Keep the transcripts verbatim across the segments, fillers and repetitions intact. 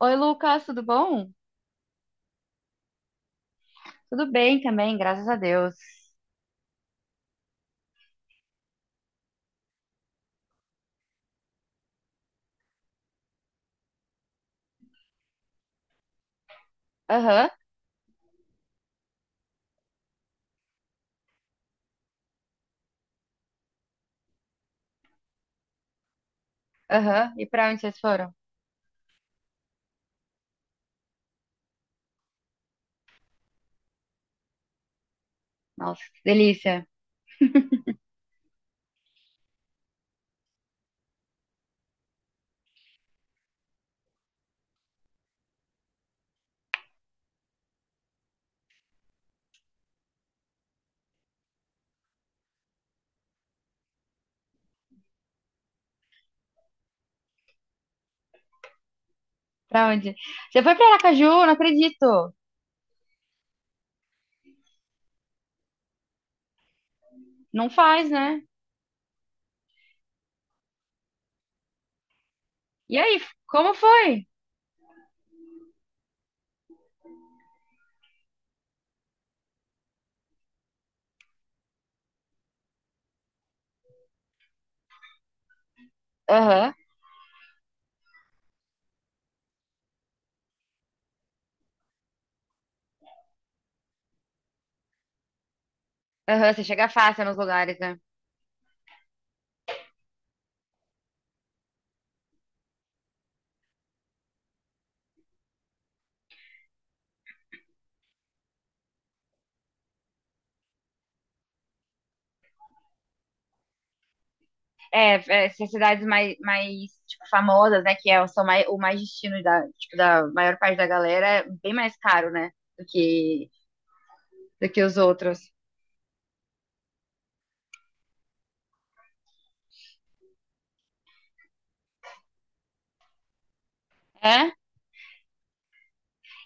Oi, Lucas, tudo bom? Tudo bem também, graças a Deus. Aham, aham. E pra onde vocês foram? Nossa, que delícia. Pra onde? Você foi pra Aracaju? Não acredito. Não faz, né? E aí, como foi? Aham, aham. Você chega fácil nos lugares, né? É, é, essas cidades mais, mais tipo, famosas, né? Que é, são mais, o mais destino da, tipo, da maior parte da galera, é bem mais caro, né? Do que, do que os outros. É?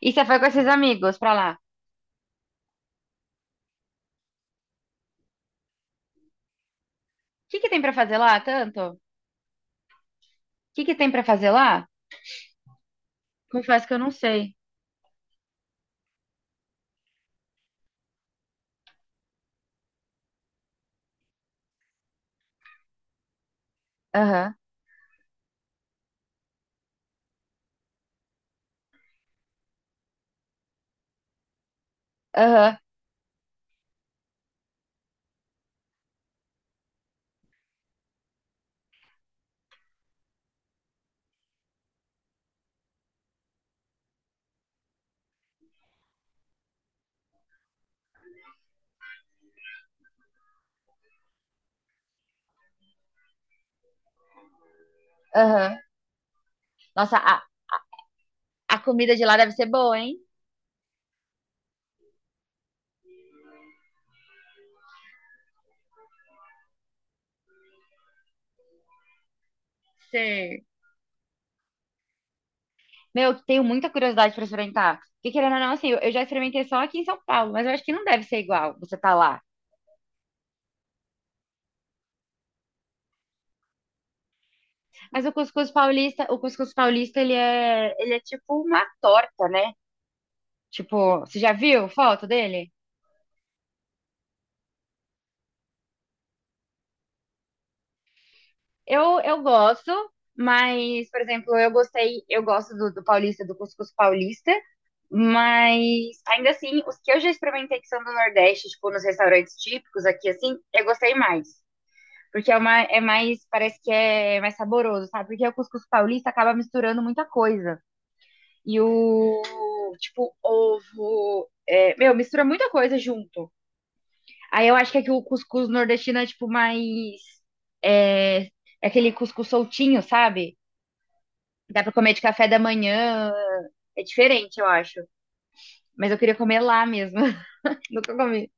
E você foi com esses amigos pra lá? O que que tem pra fazer lá, tanto? O que que tem pra fazer lá? Confesso que eu não sei. Aham, aham, aham. Nossa, a, a comida de lá deve ser boa, hein? Sei. Meu, eu tenho muita curiosidade pra experimentar. Porque querendo ou não, assim, eu eu já experimentei só aqui em São Paulo, mas eu acho que não deve ser igual você tá lá. Mas o cuscuz paulista, o cuscuz paulista, ele é, ele é tipo uma torta, né? Tipo, você já viu foto dele? Eu, eu gosto, mas, por exemplo, eu gostei, eu gosto do, do paulista, do cuscuz paulista, mas ainda assim, os que eu já experimentei que são do Nordeste, tipo, nos restaurantes típicos aqui, assim, eu gostei mais. Porque é, uma, é mais, parece que é mais saboroso, sabe? Porque o cuscuz paulista acaba misturando muita coisa. E o, tipo, ovo, é, meu, mistura muita coisa junto. Aí eu acho que aqui o cuscuz nordestino é, tipo, mais, é, é aquele cuscuz soltinho, sabe? Dá pra comer de café da manhã. É diferente, eu acho. Mas eu queria comer lá mesmo. Nunca comi.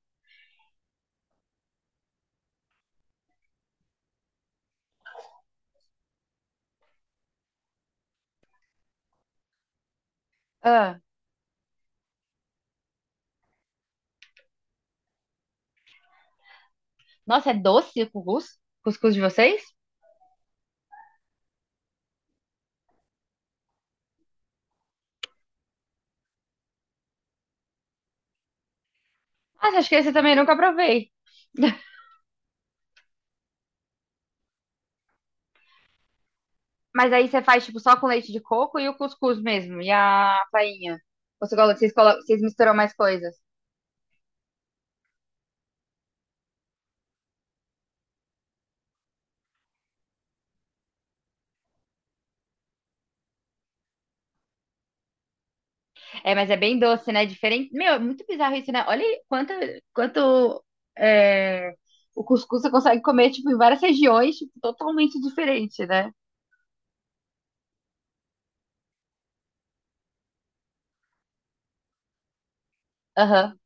Ah. Nossa, é doce o cuscuz? Cuscuz de vocês? Nossa, acho que esse eu também nunca provei. Mas aí você faz, tipo, só com leite de coco e o cuscuz mesmo. E a farinha Você colo- Vocês, colo- vocês misturam mais coisas. É, mas é bem doce, né? Diferente. Meu, é muito bizarro isso, né? Olha aí quanto, quanto é, o cuscuz você consegue comer, tipo, em várias regiões, tipo, totalmente diferente, né? Aham.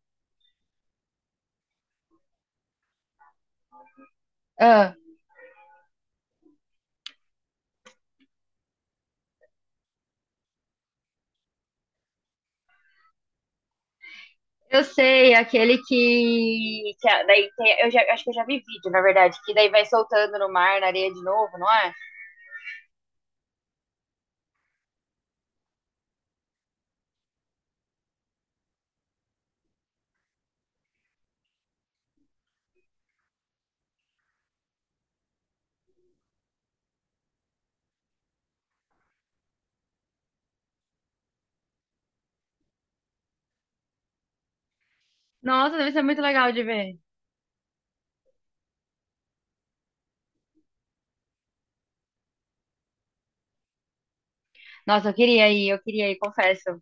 Ah. Eu sei, aquele que, que a- daí tem, eu já, acho que eu já vi vídeo, na verdade, que daí vai soltando no mar, na areia de novo, não é? Nossa, deve ser muito legal de ver. Nossa, eu queria ir, eu queria ir, confesso.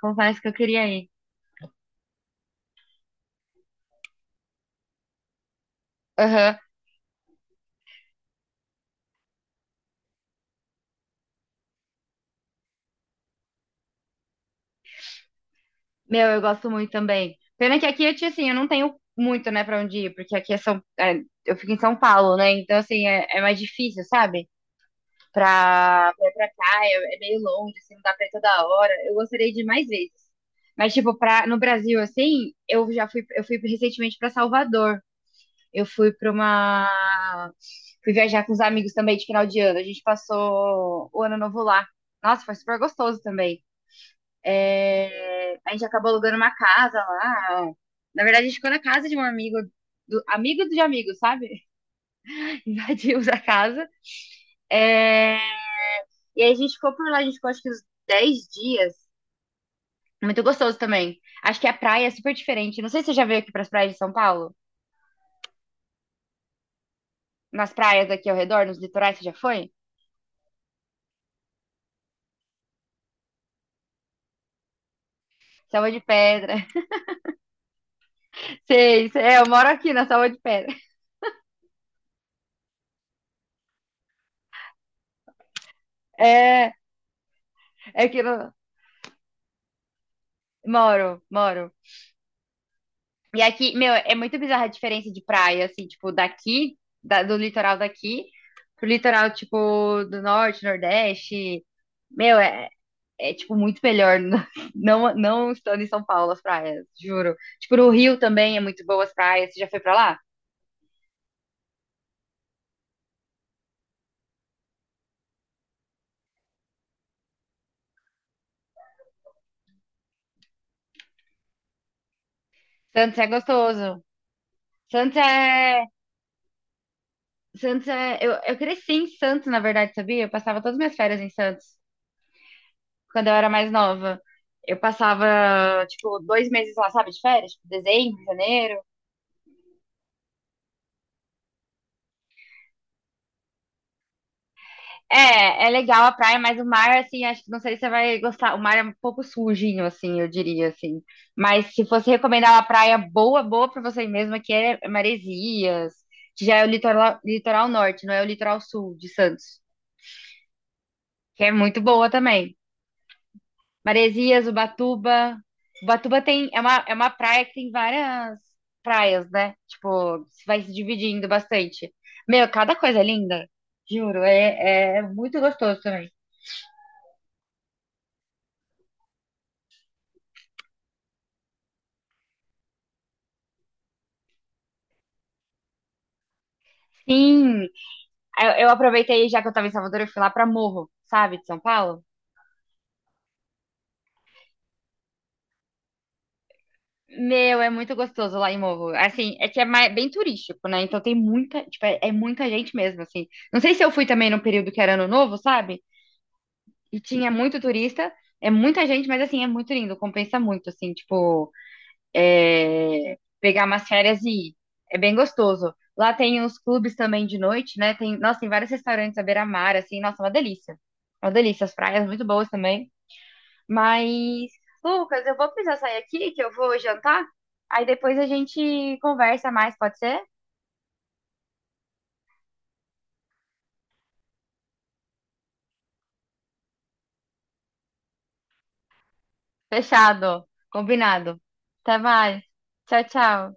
Confesso que eu queria ir. Aham. Meu, eu gosto muito também. Pena que aqui, eu, tinha, assim, eu não tenho muito, né, pra onde ir, porque aqui é São, é, eu fico em São Paulo, né? Então, assim, é, é mais difícil, sabe? pra, pra, ir pra cá, é, é meio longe, assim, não dá pra ir toda hora. Eu gostaria de ir mais vezes. Mas, tipo, pra, no Brasil, assim, eu já fui, eu fui recentemente pra Salvador. Eu fui pra uma. Fui viajar com os amigos também de final de ano. A gente passou o ano novo lá. Nossa, foi super gostoso também. É, a gente acabou alugando uma casa lá. Na verdade, a gente ficou na casa de um amigo, do, amigo de amigo, sabe? Invadimos a casa. É, e aí a gente ficou por lá, a gente ficou acho que uns dez dias. Muito gostoso também. Acho que a praia é super diferente. Não sei se você já veio aqui pras praias de São Paulo. Nas praias aqui ao redor, nos litorais, você já foi? Salva de Pedra. Sei, sei. É, eu moro aqui na Salva de Pedra. É, é que eu moro, moro. E aqui, meu, é muito bizarra a diferença de praia, assim, tipo, daqui, da- do litoral daqui, pro litoral, tipo, do norte, nordeste. Meu, é, é, tipo, muito melhor não, não estando em São Paulo as praias, juro. Tipo, no Rio também é muito boas praias. Você já foi pra lá? Santos é gostoso. Santos é. Santos é. Eu, eu cresci em Santos, na verdade, sabia? Eu passava todas as minhas férias em Santos, quando eu era mais nova. Eu passava, tipo, dois meses lá, sabe, de férias? Tipo, dezembro, janeiro. É, é legal a praia, mas o mar, assim, acho que não sei se você vai gostar. O mar é um pouco sujinho, assim, eu diria, assim. Mas se fosse recomendar uma praia boa, boa pra você mesmo, que é Maresias, que já é o litoral, litoral norte, não é o litoral sul de Santos, que é muito boa também. Maresias, Ubatuba. Ubatuba tem, é uma, é uma praia que tem várias praias, né? Tipo, vai se dividindo bastante. Meu, cada coisa é linda, juro, é, é muito gostoso também. Sim, Eu, eu aproveitei, já que eu tava em Salvador, eu fui lá pra Morro, sabe, de São Paulo. Meu, é muito gostoso lá em Morro. Assim, é que é mais- bem turístico, né? Então tem muita, tipo, é, é muita gente mesmo, assim. Não sei se eu fui também num período que era ano novo, sabe? E tinha muito turista, é muita gente, mas assim, é muito lindo, compensa muito, assim, tipo, é, pegar umas férias e ir. É bem gostoso. Lá tem os clubes também de noite, né? Tem, nossa, tem vários restaurantes à beira-mar, assim, nossa, uma delícia. Uma delícia, as praias muito boas também. Mas, Lucas, eu vou precisar sair aqui, que eu vou jantar. Aí depois a gente conversa mais, pode ser? Fechado, combinado. Até mais. Tchau, tchau.